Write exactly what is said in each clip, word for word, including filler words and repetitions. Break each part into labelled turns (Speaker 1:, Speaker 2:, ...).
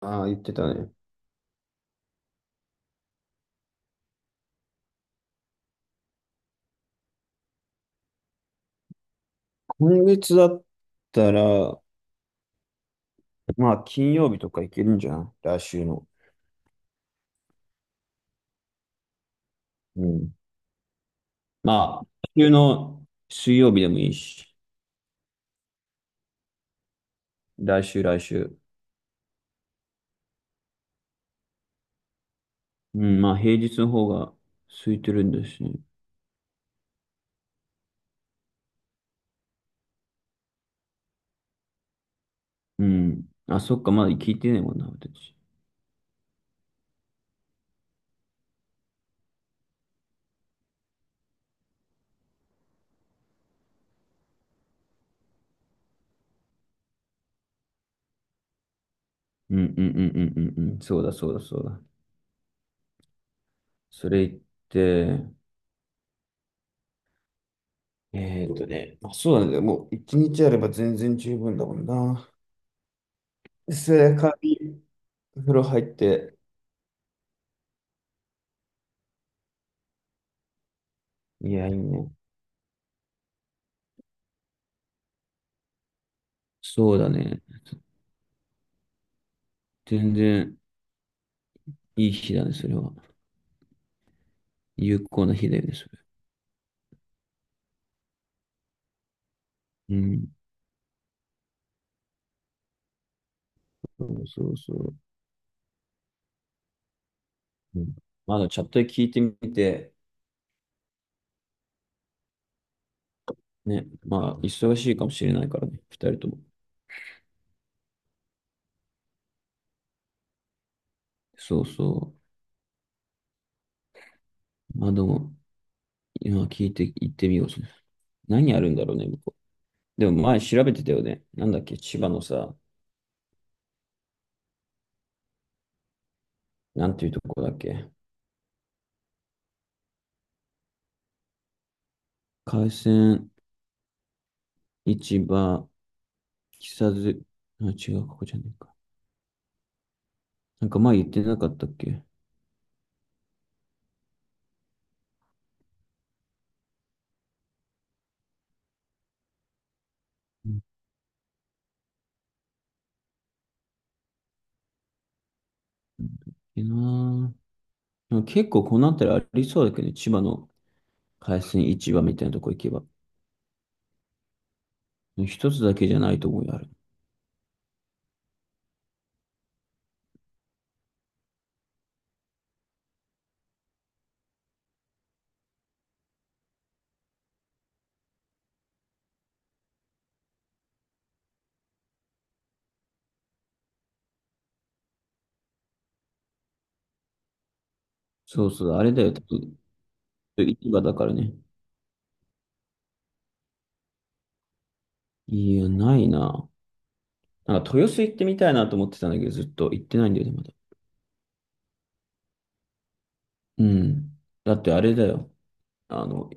Speaker 1: ああ、言ってたね。今月だったら、まあ、金曜日とか行けるんじゃない、来週の。うん。まあ、来週の水曜日でもいいし、来週、来週。うん、まあ、平日の方が空いてるんですね。うん。あ、そっか、まだ聞いてないもんな、私。うん、うん、うん、うん、うんうん。そうだ、そうだ、そうだ。それ言って、えーっとね、まあ、そうなんだよ。もう、一日あれば全然十分だもんな。それで、帰り、風呂入って、いや、いいね。そうだね。全然いい日だね、それは。有効な日だよね、それ。うん。そうそうそう。うん、まあ、のチャットで聞いてみて、ね、まあ、忙しいかもしれないからね、二人とも。そうそう。まあ、でも、今聞いて行ってみよう。何あるんだろうね、向こう。でも前調べてたよね。なんだっけ、千葉のさ、なんていうとこだっけ。海鮮市場、木更津、あ、違う、ここじゃねえか。なんか前言ってなかったっけ。うん、いいなぁ。でも結構こうなったらありそうだけどね、千葉の海鮮市場みたいなとこ行けば。一つだけじゃないと思うよ、あれ。そうそう、あれだよ、多分市場だからね。いや、ないな。なんか豊洲行ってみたいなと思ってたんだけど、ずっと行ってないんだよね、まだ。うん。だってあれだよ。あの、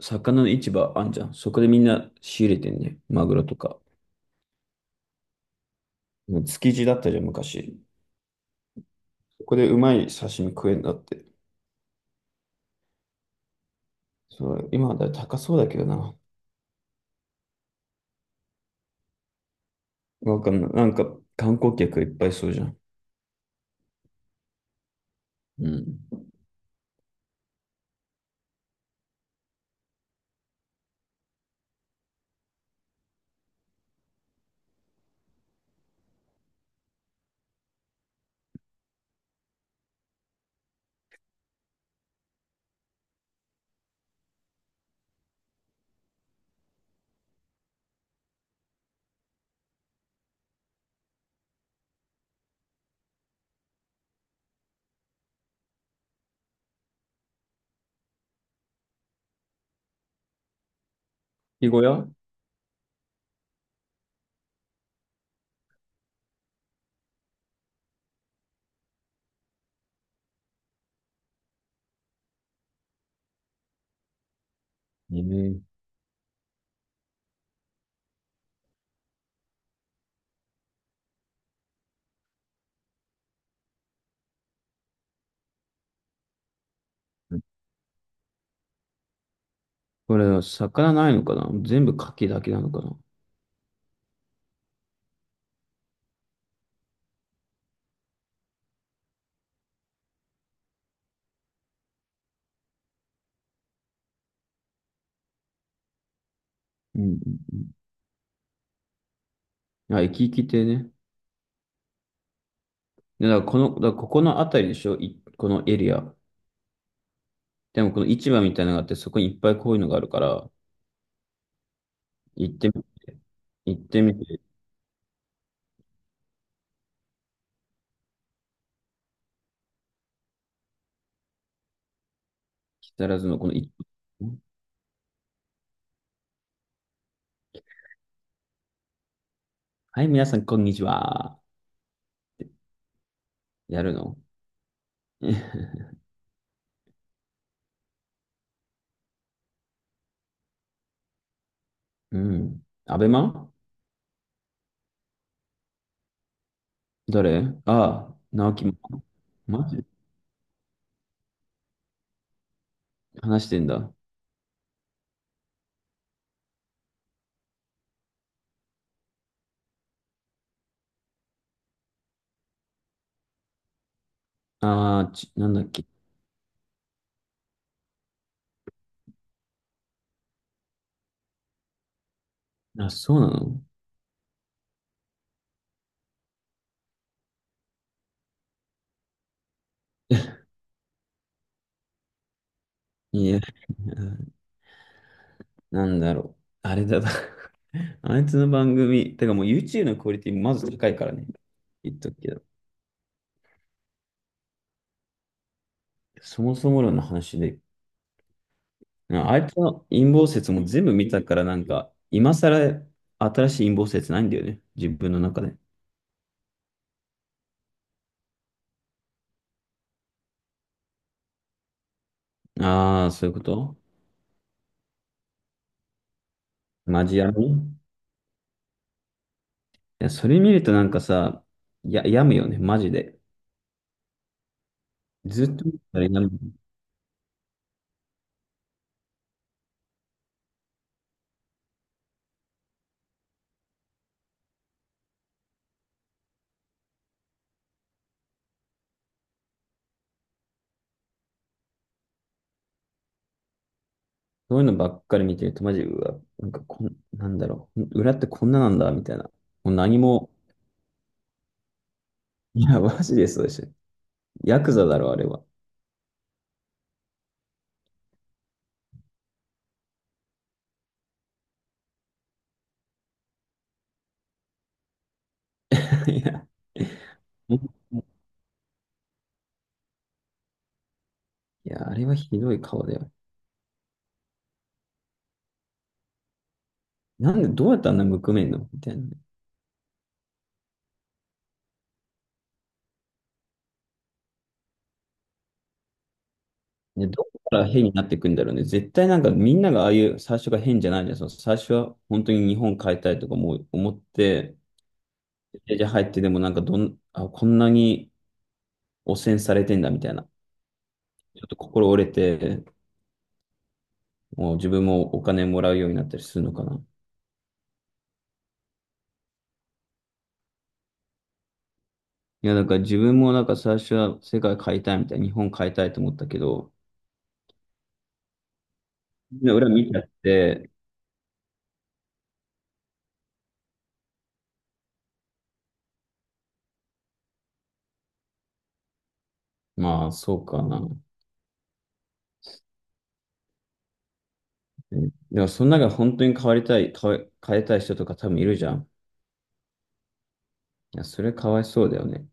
Speaker 1: 魚の市場あんじゃん。そこでみんな仕入れてんね。マグロとか。もう築地だったじゃん、昔。そこでうまい刺身食えんだって。そう、今はだいぶ高そうだけどな。わかんない。なんか、観光客いっぱいそうじゃん。うん。牡蠣小屋。ええ、これ、魚ないのかな、全部牡蠣だけなのかな。うんうんうん。あ、生き生きてね。でだからこの、だからここのあたりでしょい、このエリア。でもこの市場みたいなのがあって、そこにいっぱいこういうのがあるから、行ってみて、行ってみて、木更津のこの市場。はい、皆さん、こんにちは。やるの。 うん。アベマ。誰。ああ、直樹も。マジ話してんだ。ああ、ち、なんだっけ。あ、そうなの。 いや、なんだろう。あれだな。 あいつの番組、てかもう ユーチューブ のクオリティまず高いからね。言っとくけど。そもそも論の話で、ああいつの陰謀説も全部見たからなんか、今更新しい陰謀説ないんだよね。自分の中で。ああ、そういうこと。マジや。いや、それ見るとなんかさ、や、病むよね。マジで。ずっと見てたら病む。そういうのばっかり見てると、マジ、うわ、なんかこん、なんだろう、裏ってこんななんだ、みたいな。もう何も。いや、マジでそうでしょ。ヤクザだろ、あれは。いや、いや、あれはひどい顔だよ。なんで、どうやってあんなむくめんのみたいなね。で、いや、どこから変になっていくんだろうね。絶対なんかみんながああいう最初が変じゃないじゃん。その最初は本当に日本変えたいとかも思って、じゃ入ってでもなんかどん、あ、こんなに汚染されてんだみたいな。ちょっと心折れて、もう自分もお金もらうようになったりするのかな。いや、だから自分もなんか最初は世界変えたいみたいな、日本変えたいと思ったけど、みんな裏見ちゃって、まあそうかな。うん。でもその中で本当に変わりたい、変え、変えたい人とか多分いるじゃん。いや、それかわいそうだよね。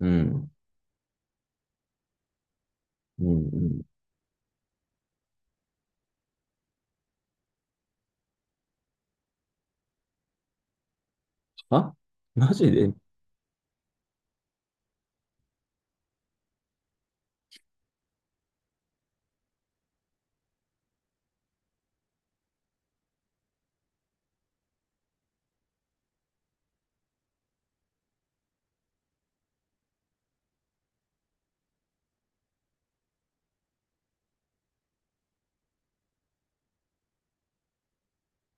Speaker 1: うん。うん、うん。あ、マジで。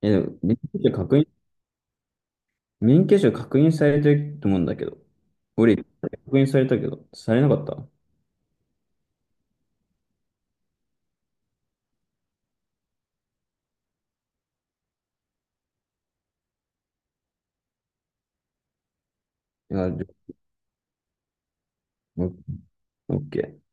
Speaker 1: え、でも免許証確認、免許証確認されてると思うんだけど。俺、確認されたけど、されなかった。いや、じゃあオッオッケー。